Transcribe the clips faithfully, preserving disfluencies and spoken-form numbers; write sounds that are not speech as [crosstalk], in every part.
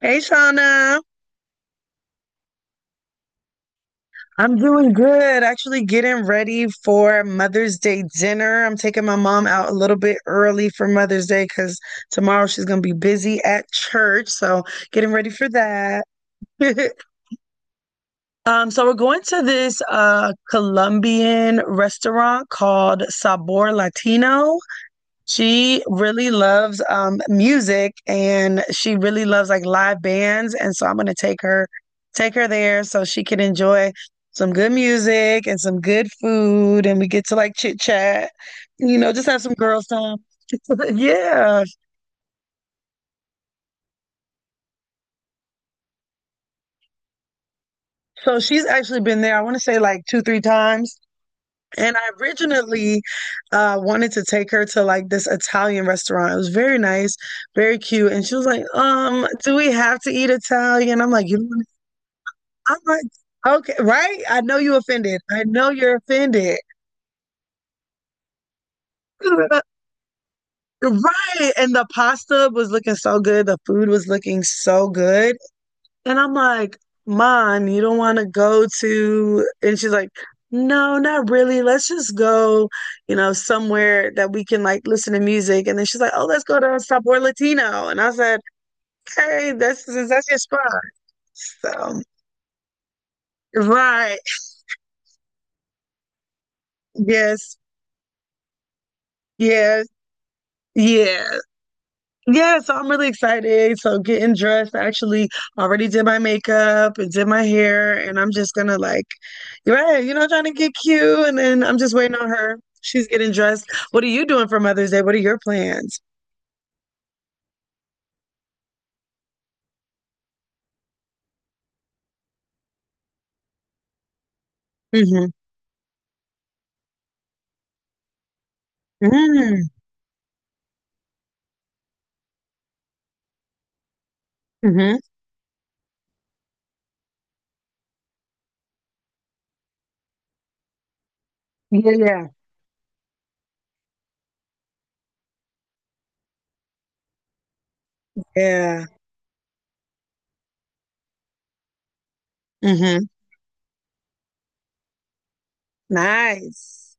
Hey, Shauna. I'm doing good. Actually, getting ready for Mother's Day dinner. I'm taking my mom out a little bit early for Mother's Day because tomorrow she's going to be busy at church. So, getting ready for that. [laughs] Um, so we're going to this uh Colombian restaurant called Sabor Latino. She really loves um, music and she really loves like live bands. And so I'm gonna take her, take her there so she can enjoy some good music and some good food and we get to like chit chat, you know, just have some girls time. [laughs] Yeah. So she's actually been there, I want to say like two, three times. And I originally uh, wanted to take her to like this Italian restaurant. It was very nice, very cute. And she was like, um, do we have to eat Italian? I'm like, you I'm like, okay, right? I know you offended. I know you're offended. [laughs] Right. And the pasta was looking so good. The food was looking so good. And I'm like, Mom, you don't want to go to. And she's like, no, not really. Let's just go, you know, somewhere that we can like listen to music. And then she's like, oh, let's go to Sabor Latino. And I said, hey, that's that's your spot. So, right. Yes. Yes. Yeah. Yeah, so I'm really excited. So getting dressed, I actually already did my makeup and did my hair, and I'm just gonna like, right, you know, trying to get cute, and then I'm just waiting on her. She's getting dressed. What are you doing for Mother's Day? What are your plans? Mm-hmm. Mm-hmm. Mm-hmm. Yeah, yeah, yeah. Mm-hmm. Nice.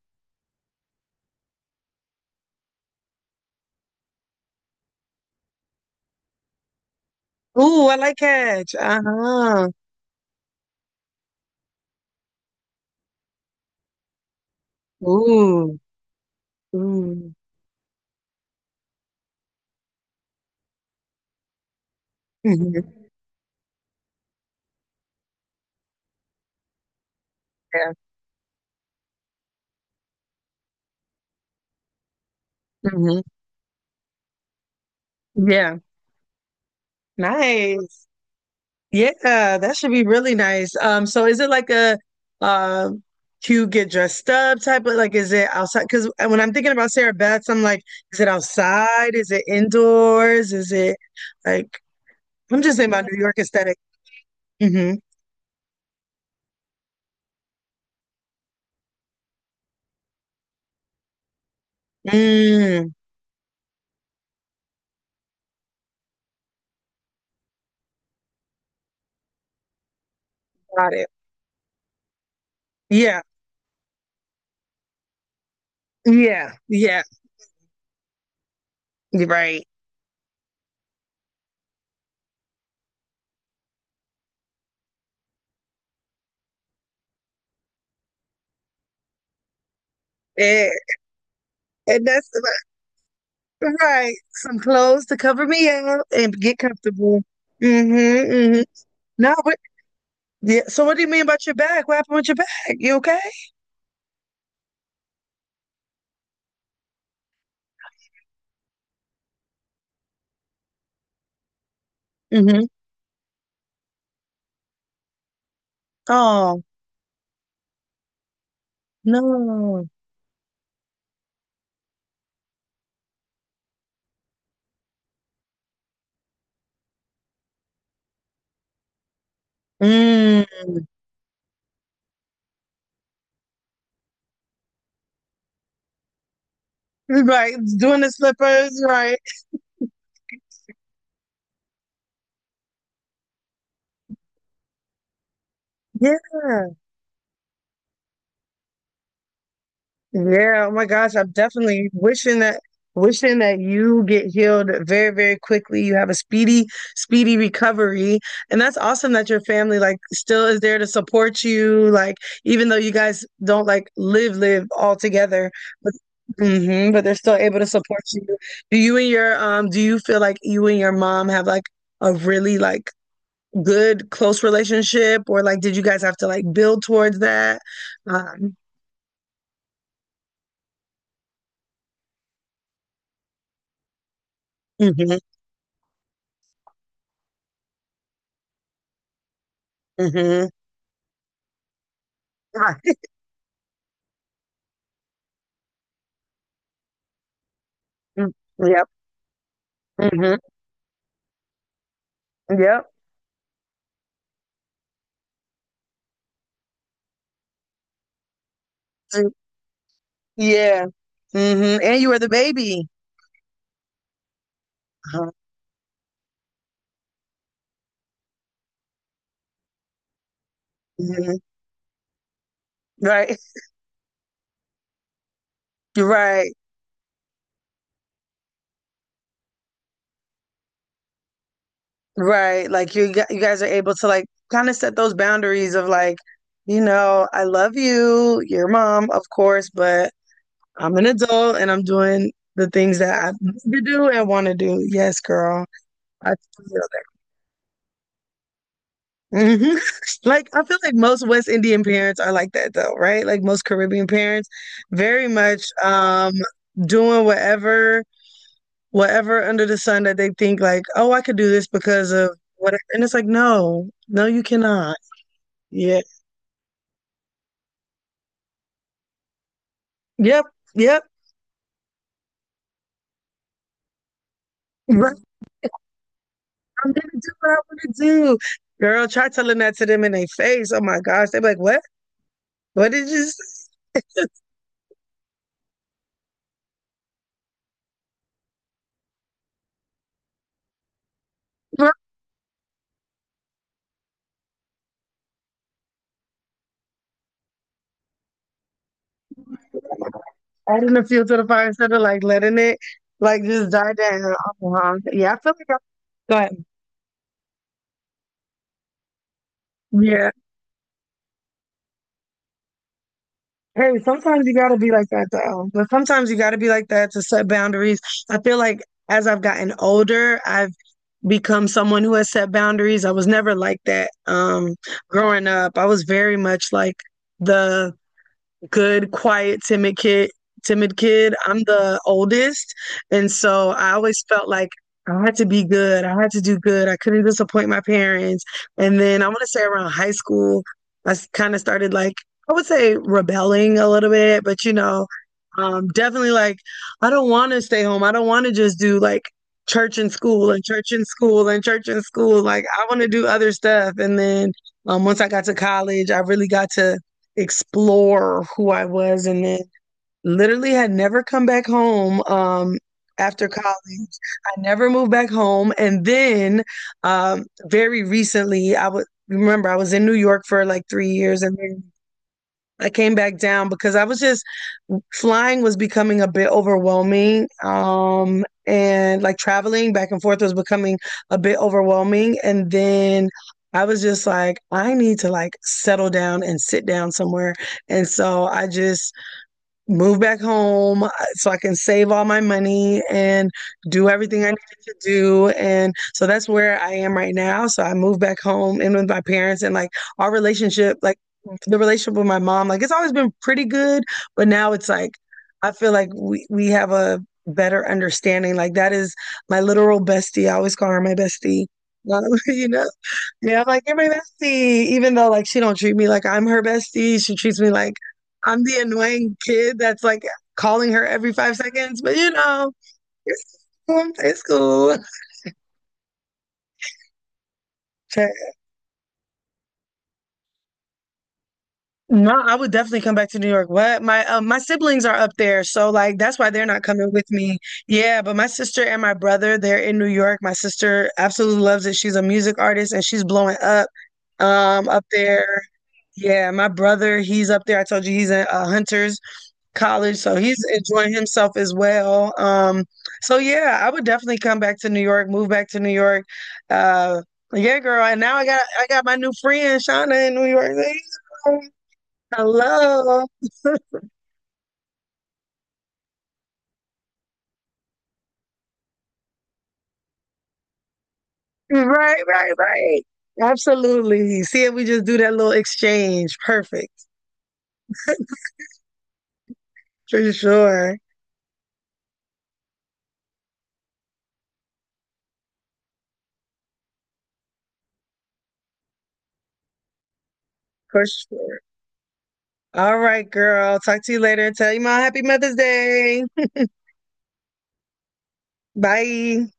Ooh, I like catch. Uh-huh. Ooh. Ooh. Mm-hmm. Yeah. Mm-hmm. Yeah. Nice. Yeah, that should be really nice. Um, so is it like a uh cute get dressed up type of like is it outside? Because when I'm thinking about Sarah Beth's, I'm like, is it outside? Is it indoors? Is it like I'm just thinking about New York aesthetic. Hmm. Mm, got it. Yeah, yeah, yeah. You're right. Eh, and that's about- right. Some clothes to cover me up and get comfortable. Mm-hmm. Mm-hmm. No, but yeah. So what do you mean about your back? What happened with your back? You okay? Mhm. Oh, no. Mm. Right. Doing the slippers, right. Yeah. Yeah. Oh my gosh. I'm definitely wishing that wishing that you get healed very, very quickly. You have a speedy, speedy recovery. And that's awesome that your family like still is there to support you. Like, even though you guys don't like live, live all together, but hmm but they're still able to support you. Do you and your um do you feel like you and your mom have like a really like good close relationship or like did you guys have to like build towards that um mhm, mhm. Mm, [laughs] yep mhm, yep Mm, yeah mhm. And you were the baby. Uh-huh. Mhm. Right, right, right, like you gu- you guys are able to like kind of set those boundaries of like, you know, I love you, your mom, of course, but I'm an adult and I'm doing the things that I need to do and want to do. Yes, girl, I feel hmm [laughs] like I feel like most West Indian parents are like that though, right? Like most Caribbean parents, very much um doing whatever whatever under the sun that they think like, oh, I could do this because of whatever. And it's like, no, no, you cannot. Yeah. Yep. Yep. Right. I'm gonna do what I want to do. Girl, try telling that to them in their face. Oh my gosh, they are like, what? What did you say? [laughs] Adding the fuel to the fire instead of like letting it like just die down. Uh-huh. Yeah, I feel like I- Go ahead. Yeah. Hey, sometimes you gotta be like that though. But sometimes you gotta be like that to set boundaries. I feel like as I've gotten older, I've become someone who has set boundaries. I was never like that um growing up. I was very much like the good, quiet, timid kid. Timid kid. I'm the oldest, and so I always felt like I had to be good. I had to do good. I couldn't disappoint my parents. And then I want to say around high school, I kind of started like, I would say, rebelling a little bit, but you know, um, definitely like I don't want to stay home. I don't want to just do like church and school and church and school and church and school. Like I want to do other stuff. And then um, once I got to college, I really got to explore who I was and then literally had never come back home um after college. I never moved back home, and then um very recently, I would remember I was in New York for like three years, and then I came back down because I was just flying was becoming a bit overwhelming. Um, and like traveling back and forth was becoming a bit overwhelming. And then I was just like, I need to like settle down and sit down somewhere. And so I just move back home uh, so I can save all my money and do everything I needed to do. And so that's where I am right now. So I moved back home in with my parents, and like our relationship, like the relationship with my mom, like it's always been pretty good, but now it's like I feel like we, we have a better understanding. Like that is my literal bestie. I always call her my bestie. [laughs] You know, yeah, I'm like, you're my bestie, even though like she don't treat me like I'm her bestie. She treats me like I'm the annoying kid that's like calling her every five seconds, but you know, it's, it's cool. Okay. No, I would definitely come back to New York. What? My uh, my siblings are up there, so like that's why they're not coming with me. Yeah, but my sister and my brother, they're in New York. My sister absolutely loves it. She's a music artist and she's blowing up um up there. Yeah, my brother, he's up there. I told you he's in uh, Hunters college, so he's enjoying himself as well. Um, so yeah, I would definitely come back to New York, move back to New York. Uh, yeah, girl, and now I got I got my new friend Shauna in New York. [laughs] Hello, [laughs] right, right, right. Absolutely. See if we just do that little exchange. Perfect. For sure. For sure. All right, girl. Talk to you later. Tell you my happy Mother's Day. Bye.